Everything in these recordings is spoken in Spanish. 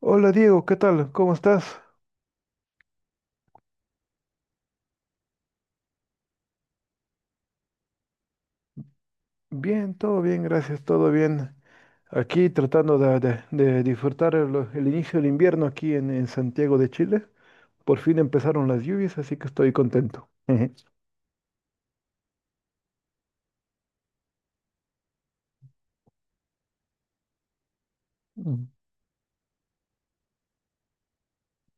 Hola Diego, ¿qué tal? ¿Cómo estás? Bien, todo bien, gracias, todo bien. Aquí tratando de disfrutar el inicio del invierno aquí en Santiago de Chile. Por fin empezaron las lluvias, así que estoy contento. Ujú. Mm.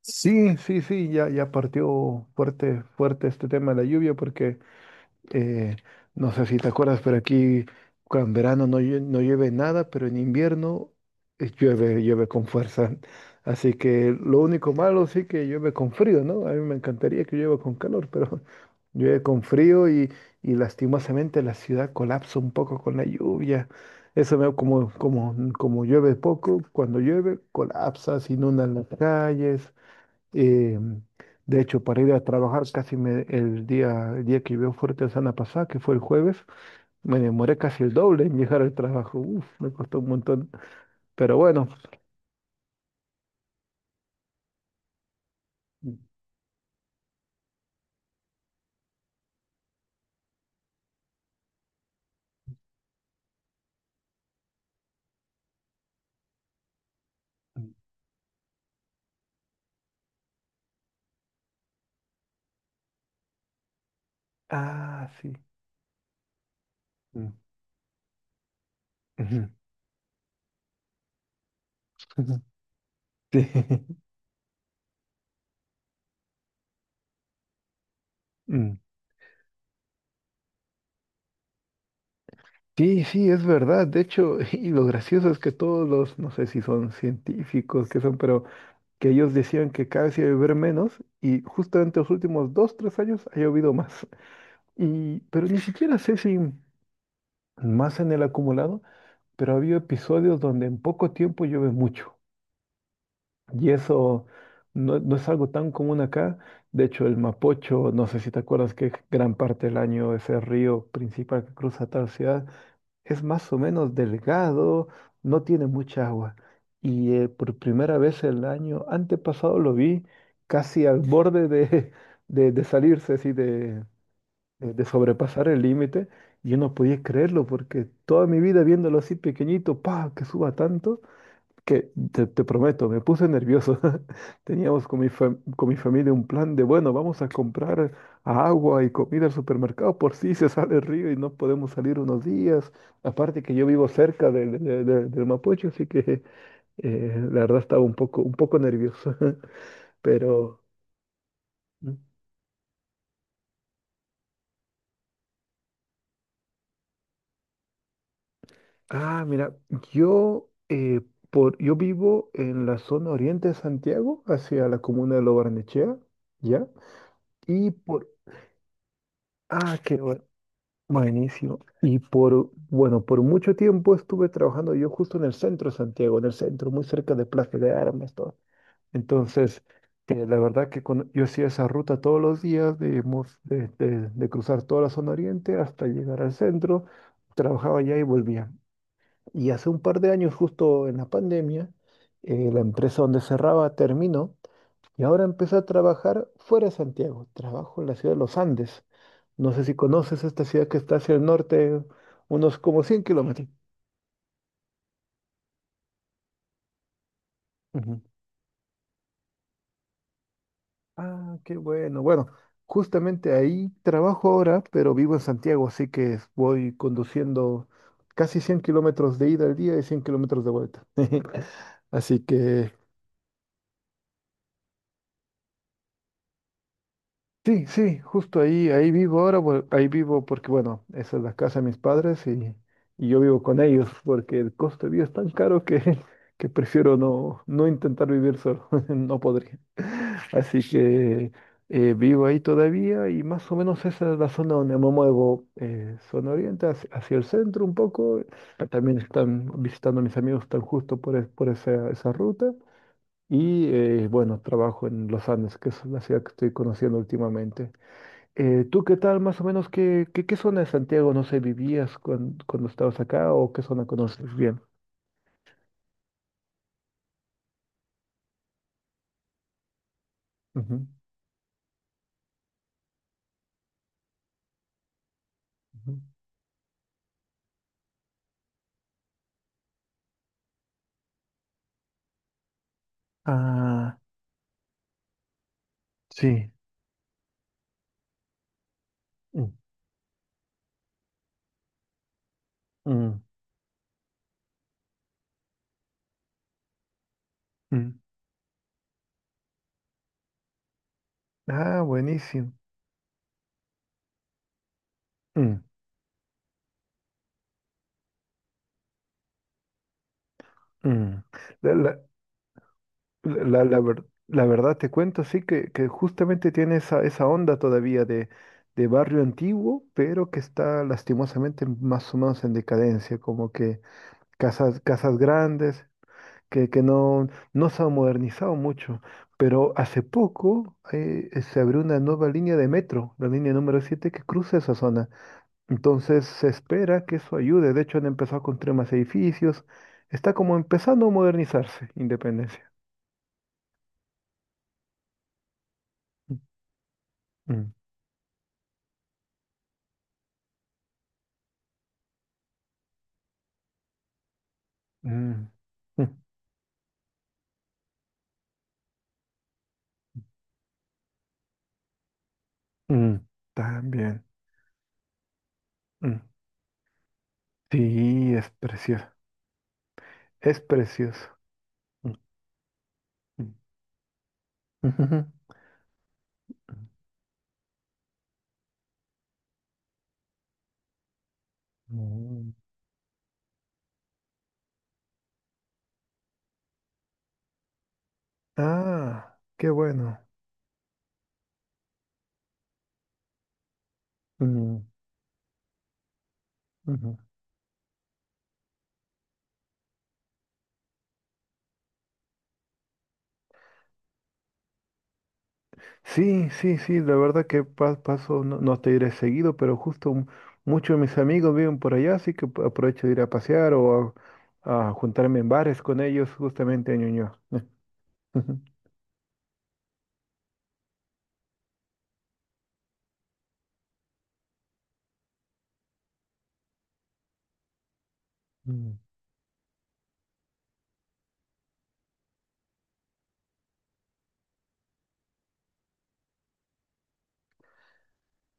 Sí, sí, sí, ya partió fuerte, fuerte este tema de la lluvia porque Eh, no sé si te acuerdas, pero aquí cuando en verano no, no llueve nada, pero en invierno llueve, llueve con fuerza. Así que lo único malo sí que llueve con frío, ¿no? A mí me encantaría que llueva con calor, pero llueve con frío y lastimosamente la ciudad colapsa un poco con la lluvia. Eso veo como llueve poco, cuando llueve colapsa, se inundan las calles. Eh, de hecho, para ir a trabajar el día que llovió fuerte la semana pasada, que fue el jueves, me demoré casi el doble en llegar al trabajo. Uf, me costó un montón. Pero bueno. Mm, mm. Ah, sí. Mm, ujú, ujú. Sí. Mm. Sí, sí, es verdad. De hecho, y lo gracioso es que todos los, no sé si son científicos, que son, pero que ellos decían que cada vez iba a llover menos y justamente los últimos 2, 3 años ha llovido más. Pero ni siquiera sé si más en el acumulado, pero ha habido episodios donde en poco tiempo llueve mucho. Y eso no es algo tan común acá. De hecho, el Mapocho, no sé si te acuerdas que gran parte del año ese río principal que cruza tal ciudad es más o menos delgado, no tiene mucha agua. Y por primera vez el año antepasado lo vi casi al borde de, de salirse así de sobrepasar el límite. Y yo no podía creerlo porque toda mi vida viéndolo así pequeñito, pa, que suba tanto, que te prometo, me puse nervioso. Teníamos con mi familia un plan de, bueno, vamos a comprar agua y comida al supermercado por si se sale el río y no podemos salir unos días. Aparte que yo vivo cerca del Mapocho, así que la verdad estaba un poco nervioso, pero. mm, Ah, mira, yo, eh, yo vivo en la zona oriente de Santiago, hacia la comuna de Lo Barnechea, ¿ya? Y por. Ah, qué bueno, buenísimo. Y bueno, por mucho tiempo estuve trabajando yo justo en el centro de Santiago, en el centro, muy cerca de Plaza de Armas, todo. Entonces, la verdad que yo hacía esa ruta todos los días de, mo de cruzar toda la zona oriente hasta llegar al centro, trabajaba allá y volvía. Y hace un par de años, justo en la pandemia, la empresa donde cerraba terminó y ahora empecé a trabajar fuera de Santiago. Trabajo en la ciudad de Los Andes. No sé si conoces esta ciudad que está hacia el norte, unos como 100 km. Ujú. Ah, qué bueno. Bueno, justamente ahí trabajo ahora, pero vivo en Santiago, así que voy conduciendo casi 100 km de ida al día y 100 km de vuelta. Así que. Sí, sí, justo ahí vivo ahora, ahí vivo porque, bueno, esa es la casa de mis padres y yo vivo con ellos porque el costo de vida es tan caro que prefiero no intentar vivir solo, no podría. Así que vivo ahí todavía y más o menos esa es la zona donde me muevo, zona oriente hacia el centro un poco. También están visitando a mis amigos tan justo por esa ruta. Y bueno, trabajo en Los Andes, que es la ciudad que estoy conociendo últimamente. ¿Tú qué tal, más o menos, qué zona de Santiago, no sé, vivías cuando, estabas acá o qué zona conoces bien? Ujú, ujú. Ah, sí. Mm, mm, mm. Ah, buenísimo. Mm, mm. La, la- la verdad te cuento, sí, que justamente tiene esa onda todavía de barrio antiguo, pero que está lastimosamente más o menos en decadencia, como que casas, casas grandes, que no se ha modernizado mucho. Pero hace poco se abrió una nueva línea de metro, la línea número 7 que cruza esa zona. Entonces se espera que eso ayude. De hecho, han empezado a construir más edificios. Está como empezando a modernizarse, Independencia. Mm, mm, mm, mm, mm. También. Mm. Sí, es precioso. Es precioso. Mm, mm, ujujú, mm. Ah, qué bueno. Mm, ujú. Sí, sí, sí, la verdad que paso, no te iré seguido, pero justo muchos de mis amigos viven por allá, así que aprovecho de ir a pasear o a juntarme en bares con ellos justamente en Ñuñoa. Mm.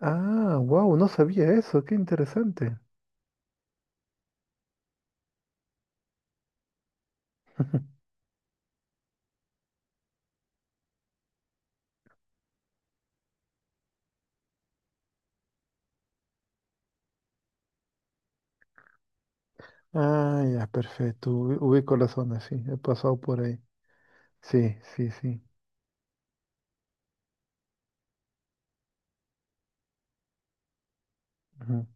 Ah, wow, no sabía eso, qué interesante. Ah, ya, perfecto, ubico la zona, sí, he pasado por ahí. Sí, sí, sí. Ujú.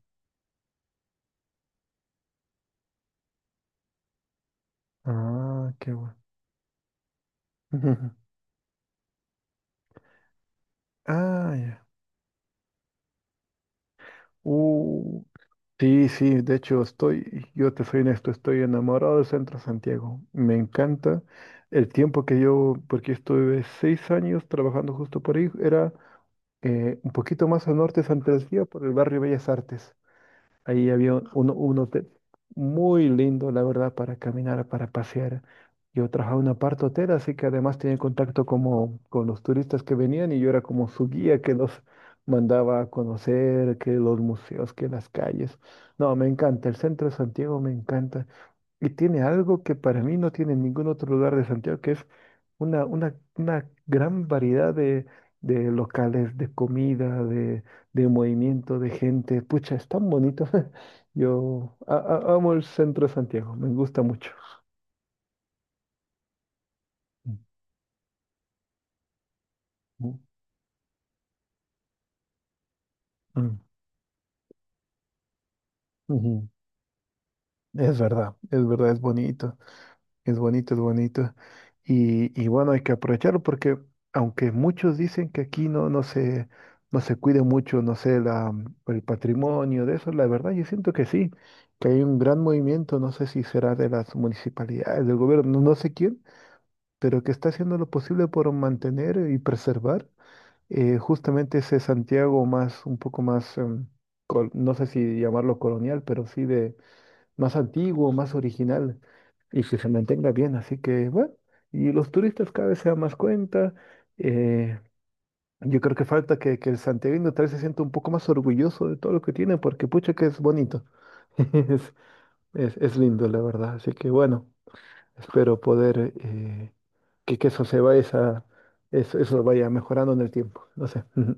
Ah, qué bueno. Ah, ya. Uh, sí, sí, de hecho yo te soy honesto, estoy enamorado del Centro Santiago. Me encanta el tiempo que porque yo estuve 6 años trabajando justo por ahí, era un poquito más al norte de Santa Lucía, por el barrio Bellas Artes. Ahí había un hotel muy lindo, la verdad, para caminar, para pasear. Yo trabajaba en una parte hotel, así que además tenía contacto como con los turistas que venían y yo era como su guía que los mandaba a conocer, que los museos, que las calles. No, me encanta, el centro de Santiago me encanta. Y tiene algo que para mí no tiene en ningún otro lugar de Santiago, que es una gran variedad de locales, de comida, de movimiento, de gente. Pucha, es tan bonito. Yo amo el centro de Santiago, me gusta mucho. Ujú, ujú. Es verdad, es verdad, es bonito. Es bonito, es bonito. Y bueno, hay que aprovecharlo porque aunque muchos dicen que aquí no se cuide mucho, no sé, el patrimonio de eso, la verdad yo siento que sí, que hay un gran movimiento, no sé si será de las municipalidades, del gobierno, no sé quién, pero que está haciendo lo posible por mantener y preservar justamente ese Santiago más, un poco más, no sé si llamarlo colonial, pero sí de más antiguo, más original y que se mantenga bien. Así que, bueno, y los turistas cada vez se dan más cuenta. eh, yo creo que falta que el santiaguino tal vez se sienta un poco más orgulloso de todo lo que tiene, porque pucha que es bonito. Es lindo, la verdad. Así que, bueno, espero poder que eso se vaya, eso vaya mejorando en el tiempo. No sé. Ujú,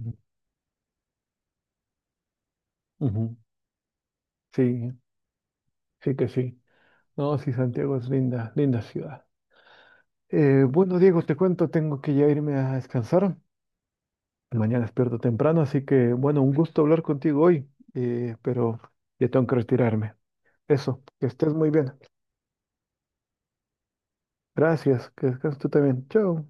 ujú, ujú. Sí, sí que sí. No, sí, Santiago es linda, linda ciudad. Bueno, Diego, te cuento, tengo que ya irme a descansar. Mañana despierto temprano, así que bueno, un gusto hablar contigo hoy, pero ya tengo que retirarme. Eso, que estés muy bien. Gracias, que descanses tú también. Chao.